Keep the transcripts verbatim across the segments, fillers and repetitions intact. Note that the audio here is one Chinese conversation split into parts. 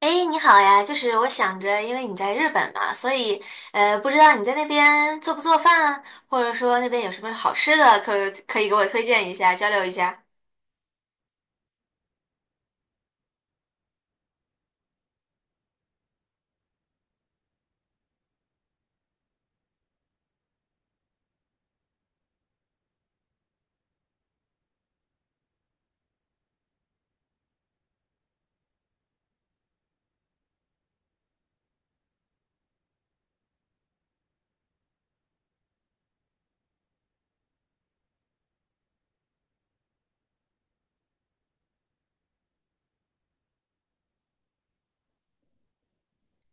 哎，诶你好呀！就是我想着，因为你在日本嘛，所以呃，不知道你在那边做不做饭，或者说那边有什么好吃的，可可以给我推荐一下，交流一下。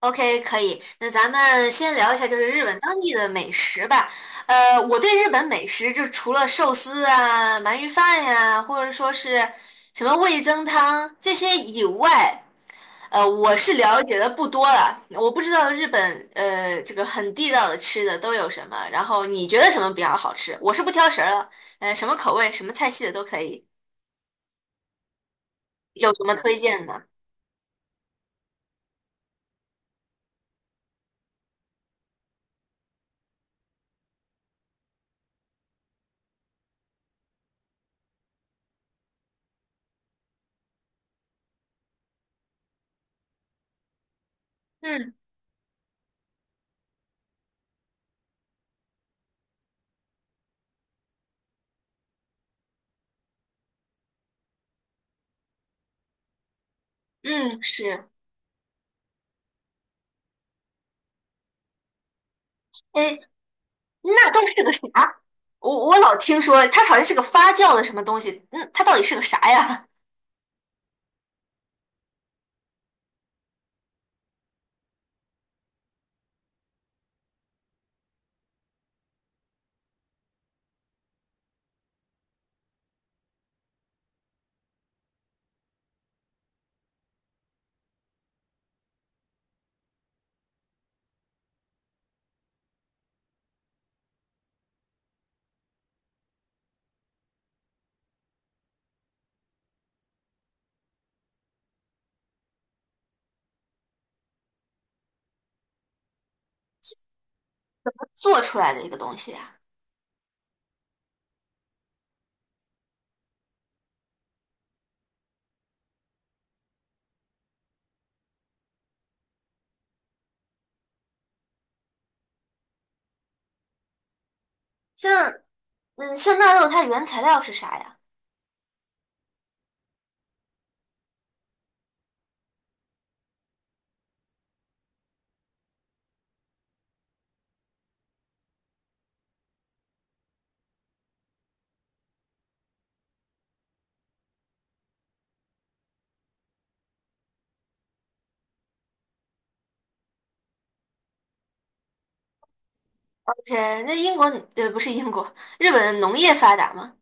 OK，可以。那咱们先聊一下，就是日本当地的美食吧。呃，我对日本美食就除了寿司啊、鳗鱼饭呀、或者说是什么味增汤这些以外，呃，我是了解的不多了，我不知道日本呃这个很地道的吃的都有什么，然后你觉得什么比较好吃？我是不挑食儿了，呃，什么口味、什么菜系的都可以，有什么推荐的？嗯嗯，是，哎，那都是个啥？我我老听说它好像是个发酵的什么东西，嗯，它到底是个啥呀？做出来的一个东西呀？像嗯像纳豆，它原材料是啥呀？OK，那英国呃不是英国，日本农业发达吗？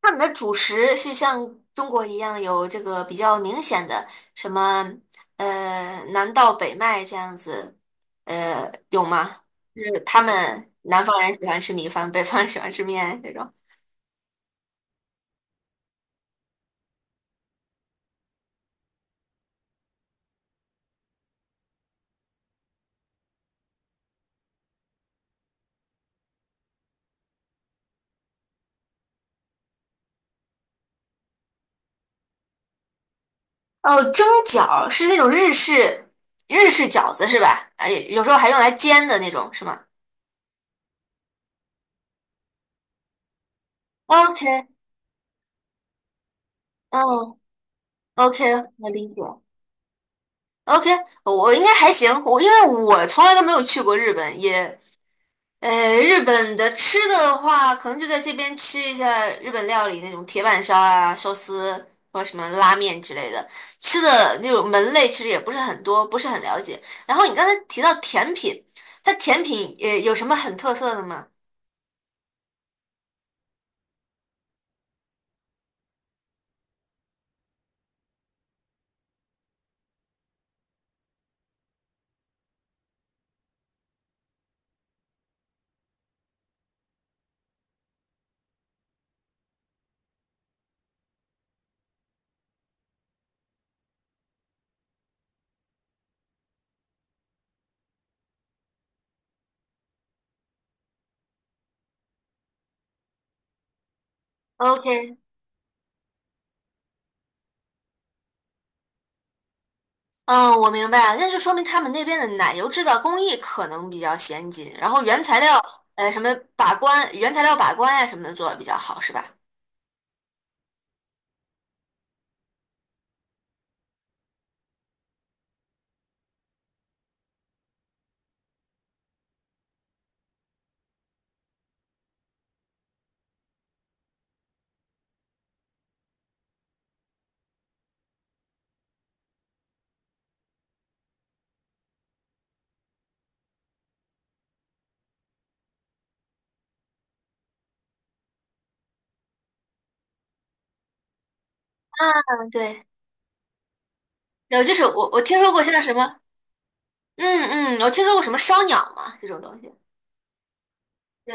他们的主食是像中国一样有这个比较明显的什么呃南到北麦这样子，呃有吗？就是他们南方人喜欢吃米饭，北方人喜欢吃面这种。哦，蒸饺是那种日式日式饺子是吧？哎，有时候还用来煎的那种是吗？OK，嗯，OK，我理解。OK，我应该还行，我因为我从来都没有去过日本，也。呃，日本的吃的的话，可能就在这边吃一下日本料理那种铁板烧啊、寿司或者什么拉面之类的。吃的那种门类其实也不是很多，不是很了解。然后你刚才提到甜品，它甜品也有什么很特色的吗？OK，嗯，我明白了，那就说明他们那边的奶油制造工艺可能比较先进，然后原材料，呃，什么把关，原材料把关呀、什么的做的比较好，是吧？嗯，对。有，就是我我听说过像什么嗯嗯，我听说过什么烧鸟嘛，这种东西。对，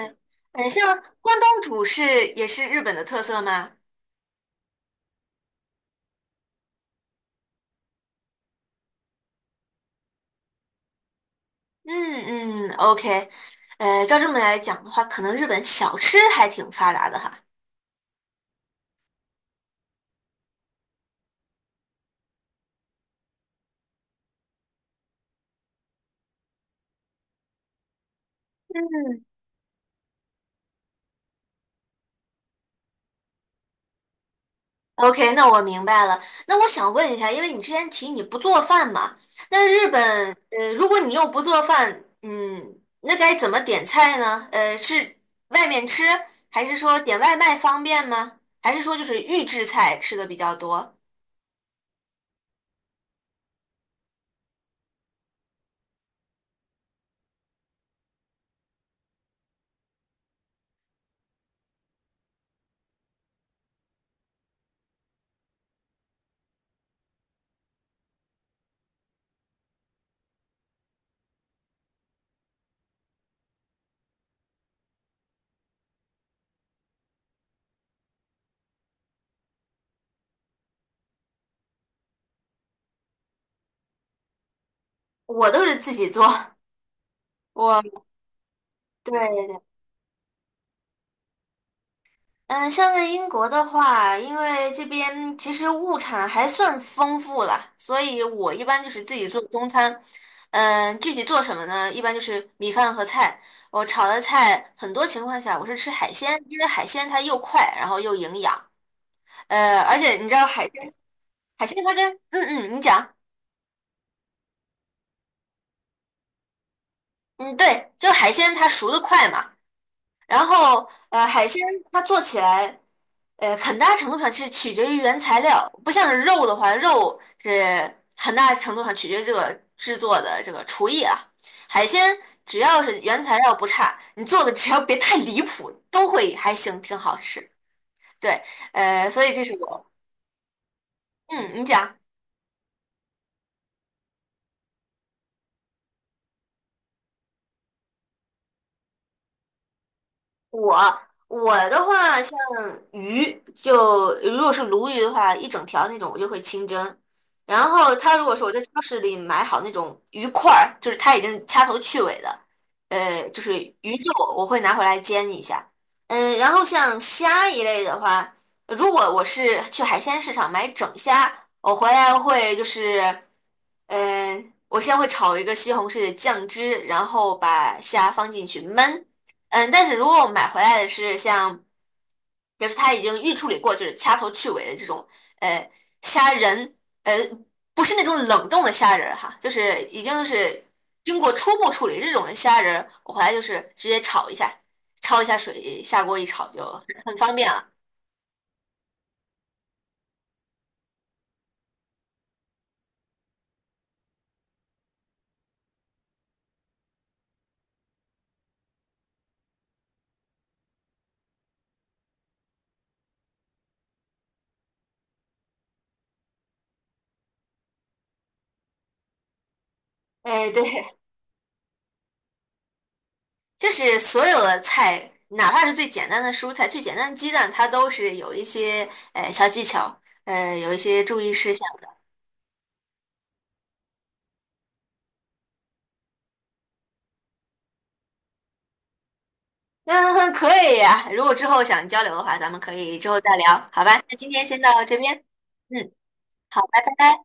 嗯，像关东煮是也是日本的特色吗？嗯嗯，OK，呃，照这么来讲的话，可能日本小吃还挺发达的哈。嗯，OK，那我明白了。那我想问一下，因为你之前提你不做饭嘛，那日本，呃，如果你又不做饭，嗯，那该怎么点菜呢？呃，是外面吃，还是说点外卖方便吗？还是说就是预制菜吃的比较多？我都是自己做，我对对对，嗯，像在英国的话，因为这边其实物产还算丰富了，所以我一般就是自己做中餐。嗯，具体做什么呢？一般就是米饭和菜。我炒的菜很多情况下我是吃海鲜，因为海鲜它又快，然后又营养。呃，而且你知道海鲜，海鲜它跟嗯嗯，你讲，嗯对，就海鲜它熟的快嘛，然后呃海鲜它做起来。呃，很大程度上是取决于原材料，不像是肉的话，肉是很大程度上取决于这个制作的这个厨艺啊。海鲜只要是原材料不差，你做的只要别太离谱，都会还行，挺好吃。对，呃，所以这是我，嗯，你讲。我我的话，像鱼，就如果是鲈鱼的话，一整条那种我就会清蒸。然后他如果说我在超市里买好那种鱼块儿，就是他已经掐头去尾的，呃，就是鱼肉，我会拿回来煎一下。嗯，然后像虾一类的话，如果我是去海鲜市场买整虾，我回来会就是。嗯，我先会炒一个西红柿的酱汁，然后把虾放进去焖。嗯，但是如果我买回来的是像，就是它已经预处理过，就是掐头去尾的这种，呃，虾仁，呃，不是那种冷冻的虾仁儿哈，就是已经是经过初步处理这种的虾仁儿，我回来就是直接炒一下，焯一下水，下锅一炒就很方便了。哎，对，就是所有的菜，哪怕是最简单的蔬菜、最简单的鸡蛋，它都是有一些呃小技巧，呃，有一些注意事项的。嗯，可以呀、如果之后想交流的话，咱们可以之后再聊，好吧？那今天先到这边，嗯，好，拜拜。